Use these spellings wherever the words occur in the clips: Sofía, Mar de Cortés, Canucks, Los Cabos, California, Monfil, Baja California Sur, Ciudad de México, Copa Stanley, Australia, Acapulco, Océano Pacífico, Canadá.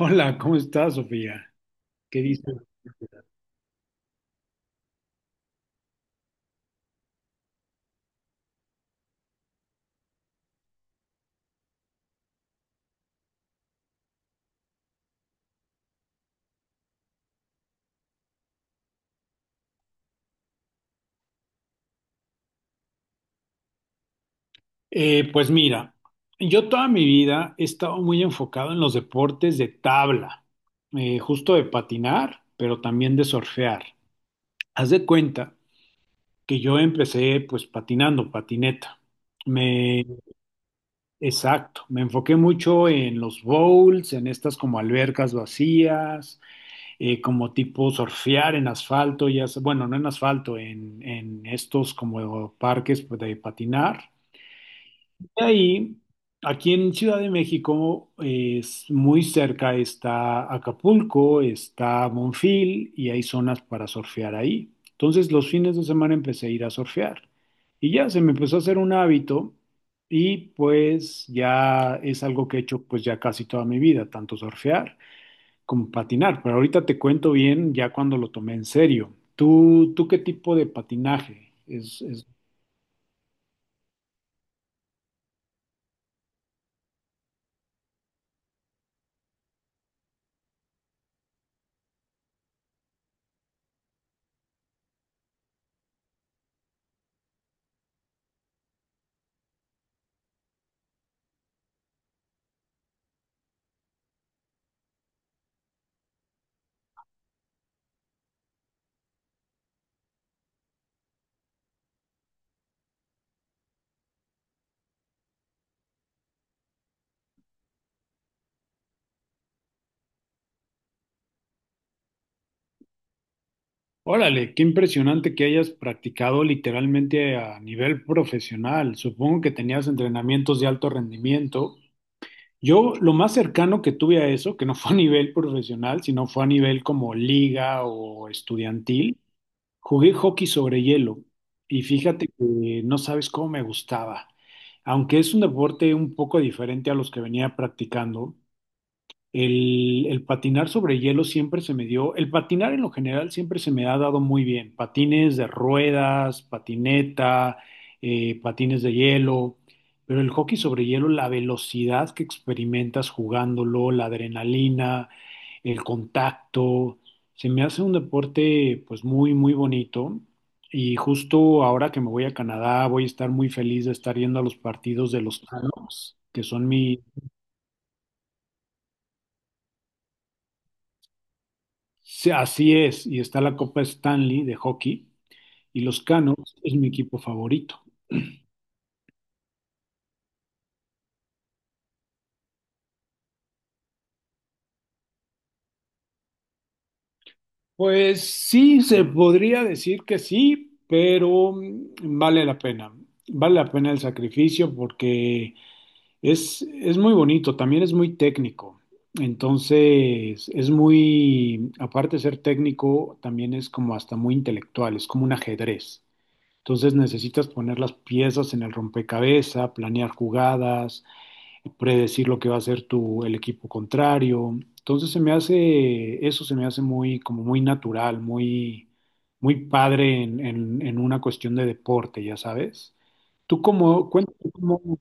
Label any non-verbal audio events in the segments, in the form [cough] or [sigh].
Hola, ¿cómo estás, Sofía? ¿Qué dices? Pues mira, yo toda mi vida he estado muy enfocado en los deportes de tabla, justo de patinar, pero también de surfear. Haz de cuenta que yo empecé pues patinando, patineta. Me, exacto, me enfoqué mucho en los bowls, en estas como albercas vacías, como tipo surfear en asfalto, ya, bueno, no en asfalto, en estos como parques pues, de patinar. De ahí, aquí en Ciudad de México, es muy cerca, está Acapulco, está Monfil y hay zonas para surfear ahí. Entonces los fines de semana empecé a ir a surfear y ya se me empezó a hacer un hábito, y pues ya es algo que he hecho pues ya casi toda mi vida, tanto surfear como patinar. Pero ahorita te cuento bien ya cuando lo tomé en serio. ¿¿Tú qué tipo de patinaje? Órale, qué impresionante que hayas practicado literalmente a nivel profesional. Supongo que tenías entrenamientos de alto rendimiento. Yo lo más cercano que tuve a eso, que no fue a nivel profesional, sino fue a nivel como liga o estudiantil, jugué hockey sobre hielo, y fíjate que no sabes cómo me gustaba. Aunque es un deporte un poco diferente a los que venía practicando, el patinar sobre hielo siempre se me dio, el patinar en lo general siempre se me ha dado muy bien. Patines de ruedas, patineta, patines de hielo, pero el hockey sobre hielo, la velocidad que experimentas jugándolo, la adrenalina, el contacto, se me hace un deporte pues muy, muy bonito. Y justo ahora que me voy a Canadá, voy a estar muy feliz de estar yendo a los partidos de los Canucks, que son mi... Sí, así es, y está la Copa Stanley de hockey, y los Canucks es mi equipo favorito. Pues sí, se podría decir que sí, pero vale la pena. Vale la pena el sacrificio porque es muy bonito, también es muy técnico. Entonces, es muy, aparte de ser técnico, también es como hasta muy intelectual, es como un ajedrez. Entonces necesitas poner las piezas en el rompecabezas, planear jugadas, predecir lo que va a hacer tu, el equipo contrario. Entonces se me hace, eso se me hace muy, como muy natural, muy, muy padre en, en una cuestión de deporte, ya sabes. Tú como, cuéntame cómo...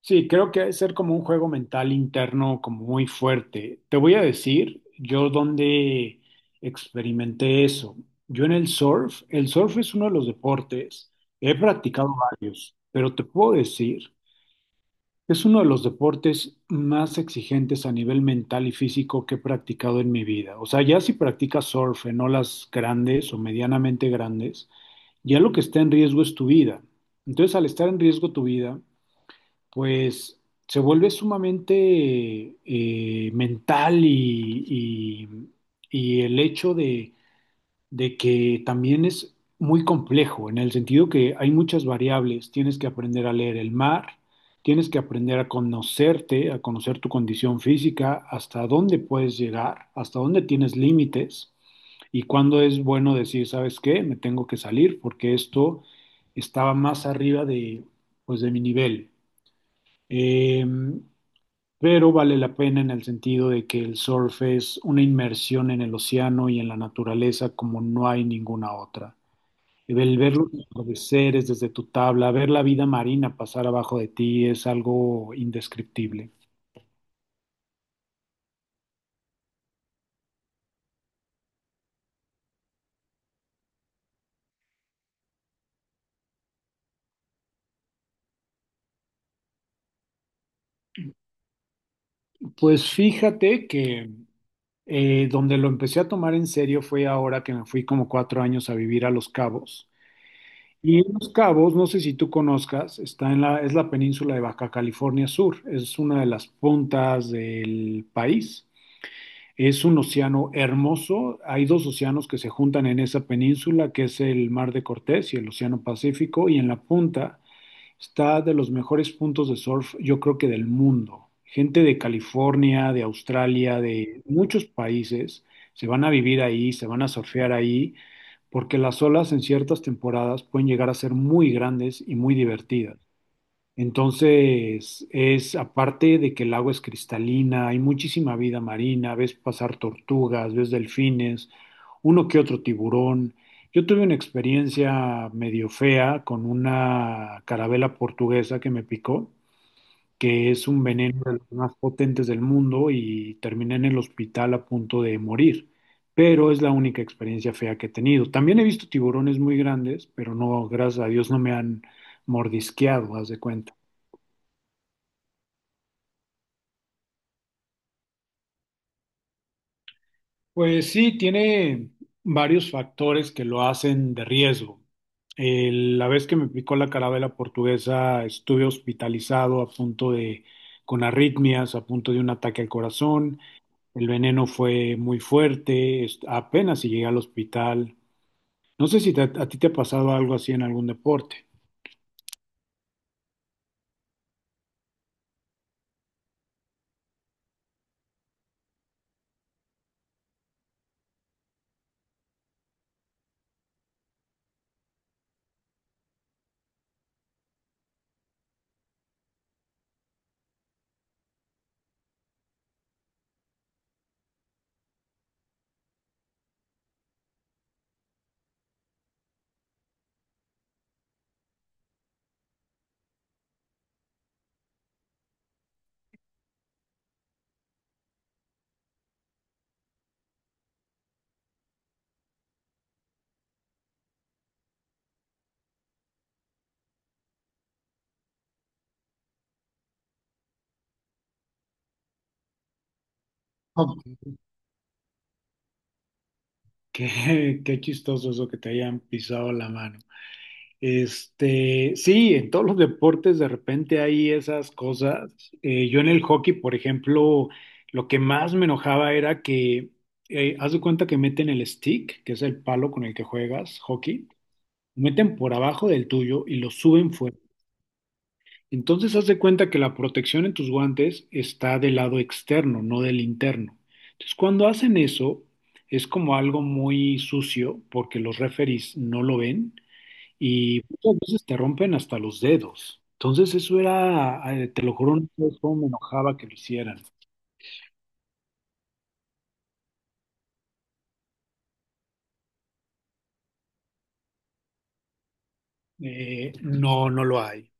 Sí, creo que debe ser como un juego mental interno, como muy fuerte. Te voy a decir, yo donde experimenté eso. Yo en el surf es uno de los deportes, he practicado varios, pero te puedo decir... Es uno de los deportes más exigentes a nivel mental y físico que he practicado en mi vida. O sea, ya si practicas surf en olas grandes o medianamente grandes, ya lo que está en riesgo es tu vida. Entonces, al estar en riesgo tu vida, pues se vuelve sumamente mental, y- y el hecho de que también es muy complejo, en el sentido que hay muchas variables, tienes que aprender a leer el mar, tienes que aprender a conocerte, a conocer tu condición física, hasta dónde puedes llegar, hasta dónde tienes límites y cuándo es bueno decir, ¿sabes qué? Me tengo que salir porque esto estaba más arriba de, pues, de mi nivel. Em, pero vale la pena en el sentido de que el surf es una inmersión en el océano y en la naturaleza como no hay ninguna otra. El ver los atardeceres desde tu tabla, ver la vida marina pasar abajo de ti es algo indescriptible. Pues fíjate que donde lo empecé a tomar en serio fue ahora que me fui como 4 años a vivir a Los Cabos. Y en Los Cabos, no sé si tú conozcas, está en la, es la península de Baja California Sur, es una de las puntas del país. Es un océano hermoso. Hay dos océanos que se juntan en esa península, que es el Mar de Cortés y el Océano Pacífico, y en la punta está de los mejores puntos de surf, yo creo que del mundo. Gente de California, de Australia, de muchos países se van a vivir ahí, se van a surfear ahí, porque las olas en ciertas temporadas pueden llegar a ser muy grandes y muy divertidas. Entonces, es aparte de que el agua es cristalina, hay muchísima vida marina, ves pasar tortugas, ves delfines, uno que otro tiburón. Yo tuve una experiencia medio fea con una carabela portuguesa que me picó, que es un veneno de los más potentes del mundo, y terminé en el hospital a punto de morir. Pero es la única experiencia fea que he tenido. También he visto tiburones muy grandes, pero no, gracias a Dios, no me han mordisqueado, haz de cuenta. Pues sí, tiene varios factores que lo hacen de riesgo. La vez que me picó la carabela portuguesa, estuve hospitalizado a punto de, con arritmias, a punto de un ataque al corazón. El veneno fue muy fuerte, apenas si llegué al hospital. No sé si a ti te ha pasado algo así en algún deporte. Oh, [laughs] Qué chistoso eso que te hayan pisado la mano. Este, sí, en todos los deportes de repente hay esas cosas. Yo en el hockey, por ejemplo, lo que más me enojaba era que, haz de cuenta que meten el stick, que es el palo con el que juegas hockey, lo meten por abajo del tuyo y lo suben fuera. Entonces, haz de cuenta que la protección en tus guantes está del lado externo, no del interno. Entonces, cuando hacen eso, es como algo muy sucio porque los referees no lo ven, y muchas veces te rompen hasta los dedos. Entonces eso era, te lo juro, no sabes cómo me enojaba que lo hicieran. No, no lo hay.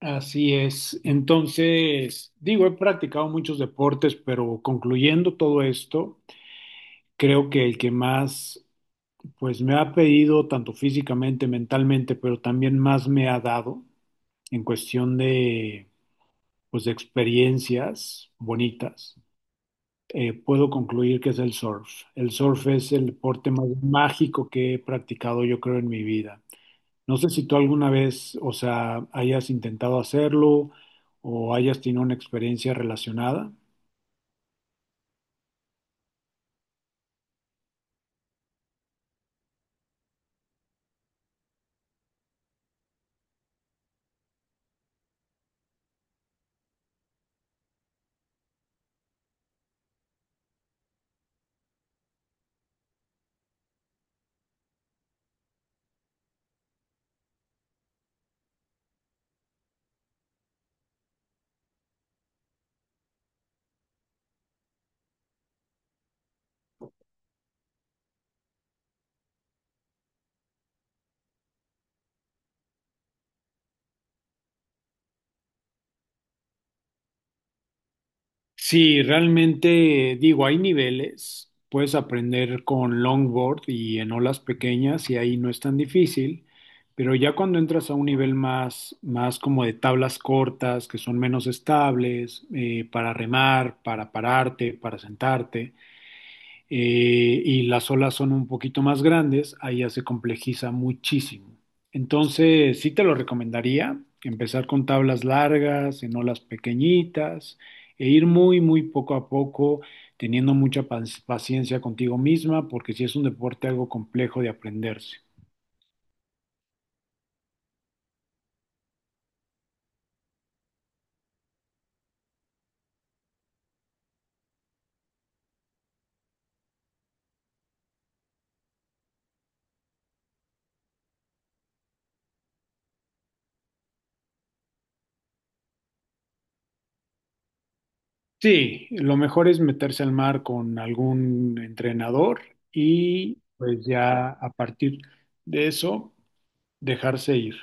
Así es. Entonces, digo, he practicado muchos deportes, pero concluyendo todo esto, creo que el que más, pues me ha pedido, tanto físicamente, mentalmente, pero también más me ha dado en cuestión de, pues, de experiencias bonitas, puedo concluir que es el surf. El surf es el deporte más mágico que he practicado, yo creo, en mi vida. No sé si tú alguna vez, o sea, hayas intentado hacerlo o hayas tenido una experiencia relacionada. Sí, realmente digo, hay niveles, puedes aprender con longboard y en olas pequeñas y ahí no es tan difícil, pero ya cuando entras a un nivel más, más como de tablas cortas, que son menos estables, para remar, para pararte, para sentarte, y las olas son un poquito más grandes, ahí ya se complejiza muchísimo. Entonces, sí te lo recomendaría, empezar con tablas largas, en olas pequeñitas, e ir muy, muy poco a poco, teniendo mucha paciencia contigo misma, porque sí es un deporte algo complejo de aprenderse. Sí, lo mejor es meterse al mar con algún entrenador y pues ya a partir de eso dejarse ir.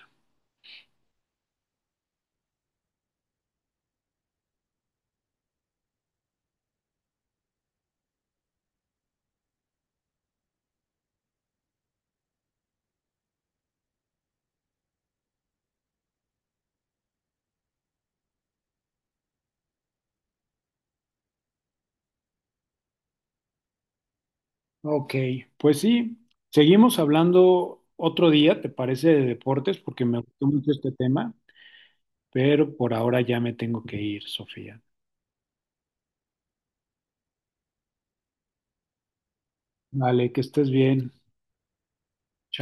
Ok, pues sí, seguimos hablando otro día, ¿te parece, de deportes? Porque me gustó mucho este tema, pero por ahora ya me tengo que ir, Sofía. Vale, que estés bien. Chao.